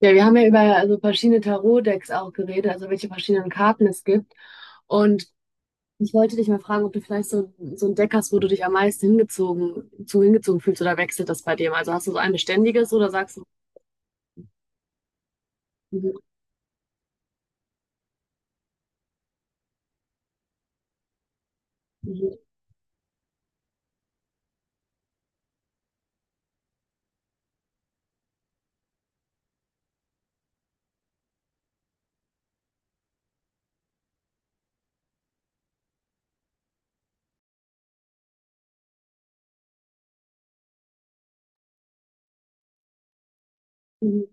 Ja, wir haben ja über also verschiedene Tarot-Decks auch geredet, also welche verschiedenen Karten es gibt. Und ich wollte dich mal fragen, ob du vielleicht so, ein Deck hast, wo du dich am meisten zu hingezogen fühlst oder wechselt das bei dir? Also hast du so ein beständiges oder sagst du, mhm, mhm, mhm, mhm,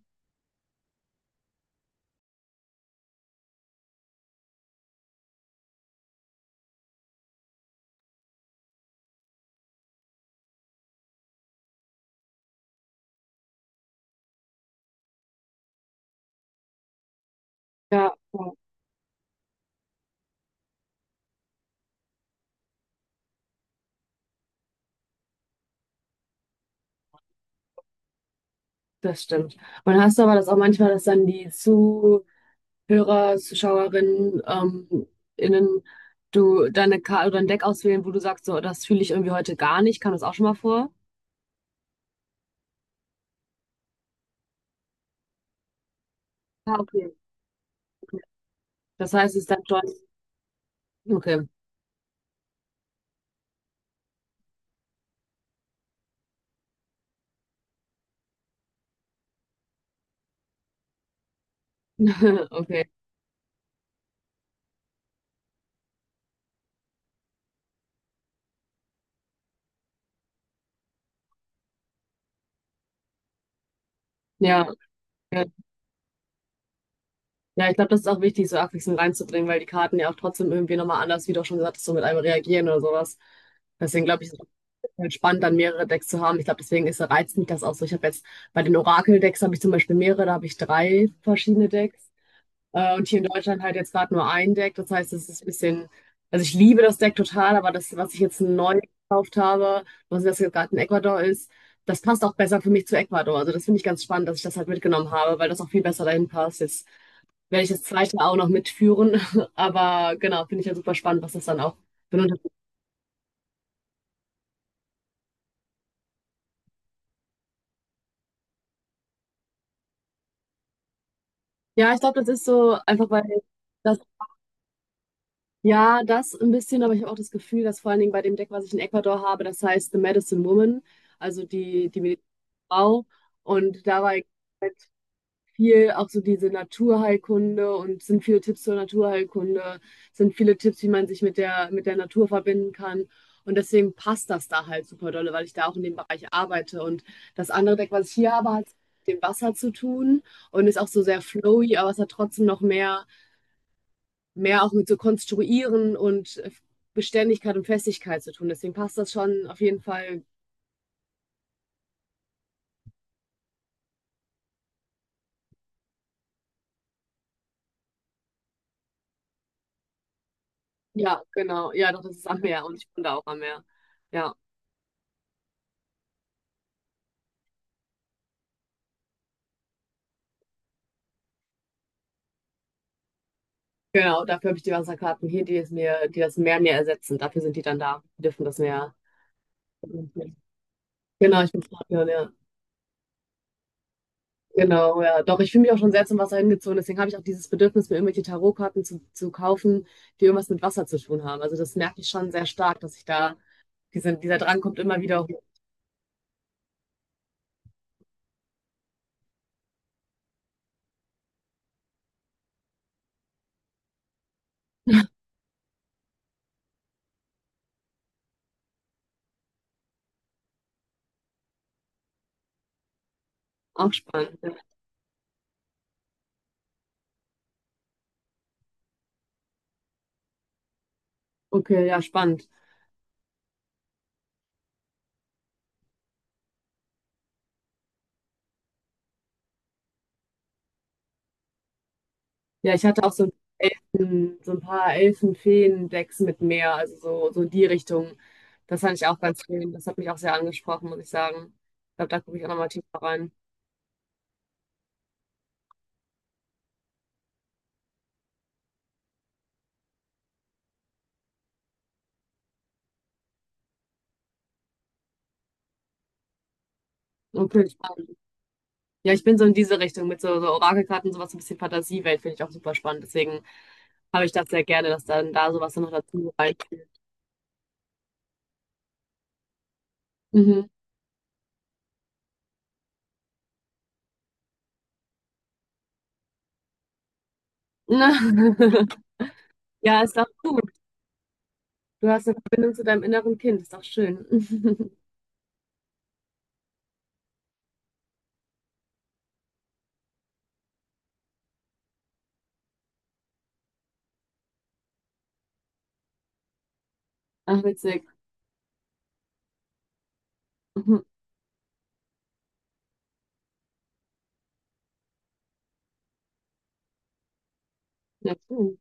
ja, ja, das stimmt. Und hast du aber das auch manchmal, dass dann die Zuhörer, Zuschauerinnen, innen, du deine Karte oder ein Deck auswählen, wo du sagst, so, das fühle ich irgendwie heute gar nicht, kam das auch schon mal vor? Ja, okay. Das heißt, es ist dann schon, okay. Okay, ja, ja. Ja, ich glaube, das ist auch wichtig, so abwechselnd reinzubringen, weil die Karten ja auch trotzdem irgendwie nochmal anders, wie du auch schon gesagt hast, so mit einem reagieren oder sowas. Deswegen glaube ich, es ist halt spannend, dann mehrere Decks zu haben. Ich glaube, deswegen ist, reizt mich das auch so. Ich habe jetzt bei den Orakel-Decks habe ich zum Beispiel mehrere, da habe ich drei verschiedene Decks. Und hier in Deutschland halt jetzt gerade nur ein Deck. Das heißt, es ist ein bisschen, also ich liebe das Deck total, aber das, was ich jetzt neu gekauft habe, was das jetzt gerade in Ecuador ist, das passt auch besser für mich zu Ecuador. Also das finde ich ganz spannend, dass ich das halt mitgenommen habe, weil das auch viel besser dahin passt. Jetzt werde ich das zweite auch noch mitführen. Aber genau, finde ich ja super spannend, was das dann auch benutzt. Ja, ich glaube, das ist so einfach, weil das Ja, das ein bisschen, aber ich habe auch das Gefühl, dass vor allen Dingen bei dem Deck, was ich in Ecuador habe, das heißt The Medicine Woman, also die, die medizinische Frau. Und dabei halt viel auch so diese Naturheilkunde und sind viele Tipps zur Naturheilkunde, sind viele Tipps, wie man sich mit der Natur verbinden kann. Und deswegen passt das da halt super dolle, weil ich da auch in dem Bereich arbeite. Und das andere Deck, was ich hier habe, hat mit dem Wasser zu tun und ist auch so sehr flowy, aber es hat trotzdem noch mehr auch mit so Konstruieren und Beständigkeit und Festigkeit zu tun. Deswegen passt das schon auf jeden Fall. Ja, genau. Ja, doch, das ist am Meer und ich bin da auch am Meer. Ja, genau. Dafür habe ich die Wasserkarten hier, die es mir, die das Meer mir ersetzen. Dafür sind die dann da. Die dürfen das Meer. Genau, ich bin Skorpion, ja. Genau, ja. Doch, ich fühle mich auch schon sehr zum Wasser hingezogen. Deswegen habe ich auch dieses Bedürfnis, mir irgendwelche Tarotkarten zu, kaufen, die irgendwas mit Wasser zu tun haben. Also das merke ich schon sehr stark, dass ich da, dieser Drang kommt immer wieder hoch. Auch spannend. Ja. Okay, ja, spannend. Ja, ich hatte auch so, Elfen, so ein paar Elfen-Feen-Decks mit Meer, also so, in die Richtung. Das fand ich auch ganz schön. Das hat mich auch sehr angesprochen, muss ich sagen. Ich glaube, da gucke ich auch nochmal tiefer rein. Okay, spannend. Ja, ich bin so in diese Richtung mit so Orakelkarten, sowas, so ein bisschen Fantasiewelt, finde ich auch super spannend. Deswegen habe ich das sehr gerne, dass dann da sowas dann noch dazu reinspielt. Mhm. Ja, ist doch gut. Du hast eine Verbindung zu deinem inneren Kind, ist doch schön. Ach, witzig. Mhm. Ja, schön.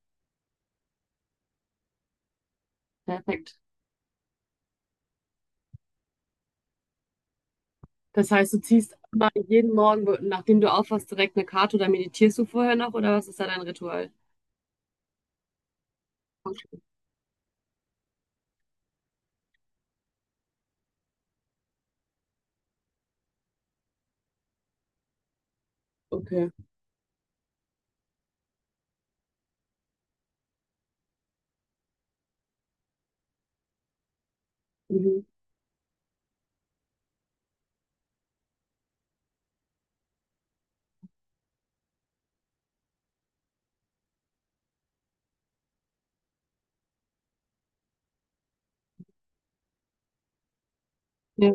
Perfekt. Das heißt, du ziehst immer jeden Morgen, nachdem du aufwachst, direkt eine Karte oder meditierst du vorher noch oder was ist da dein Ritual? Okay. Mhm. Ja,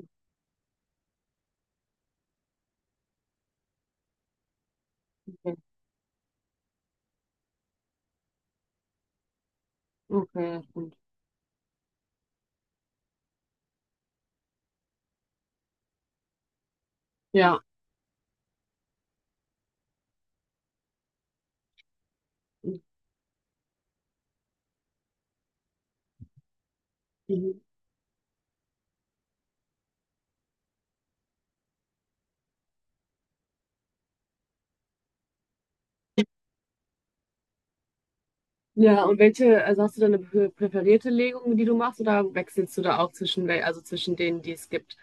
okay. Okay, ja, stimmt. Ja. Mhm. Ja, und welche, also hast du da eine präferierte Legung, die du machst, oder wechselst du da auch zwischen, also zwischen denen, die es gibt?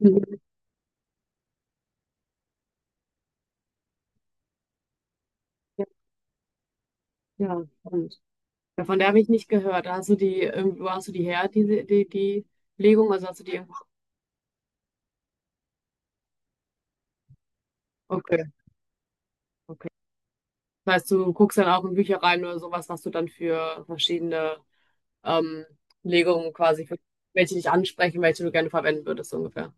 Mhm. Ja, ja, stimmt. Ja, von der habe ich nicht gehört. Hast du die, wo hast du die her, die Legung? Also hast du die irgendwo? Okay, okay. Das heißt, du guckst dann auch in Bücher rein oder sowas, was du dann für verschiedene ähm, Legungen quasi, für welche dich ansprechen, welche du gerne verwenden würdest, so ungefähr.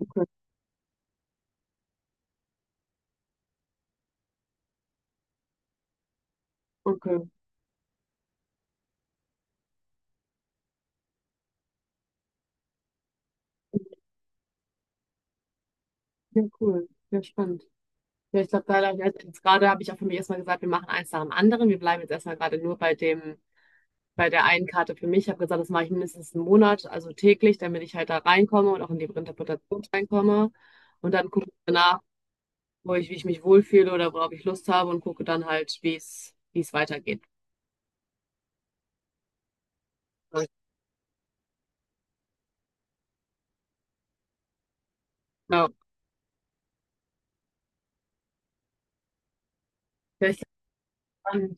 Okay, okay. Ja, cool. Ja, spannend. Ja, ich glaube, da habe jetzt gerade habe ich auch für mich erstmal gesagt, wir machen eins nach dem anderen. Wir bleiben jetzt erstmal gerade nur bei dem, bei der einen Karte für mich. Ich habe gesagt, das mache ich mindestens einen Monat, also täglich, damit ich halt da reinkomme und auch in die Interpretation reinkomme. Und dann gucke ich danach, wo ich, wie ich mich wohlfühle oder worauf ich Lust habe und gucke dann halt, wie es, weitergeht. Genau. Ja, ich glaub, dann-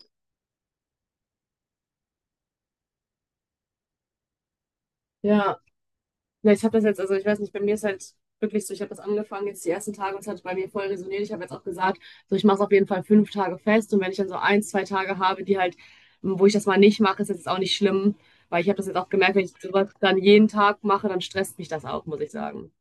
ja. Ja, ich habe das jetzt, also ich weiß nicht, bei mir ist halt wirklich so, ich habe das angefangen jetzt die ersten Tage, und es hat bei mir voll resoniert. Ich habe jetzt auch gesagt, so ich mache es auf jeden Fall 5 Tage fest und wenn ich dann so ein, zwei Tage habe, die halt, wo ich das mal nicht mache, ist das jetzt auch nicht schlimm, weil ich habe das jetzt auch gemerkt, wenn ich sowas dann jeden Tag mache, dann stresst mich das auch, muss ich sagen.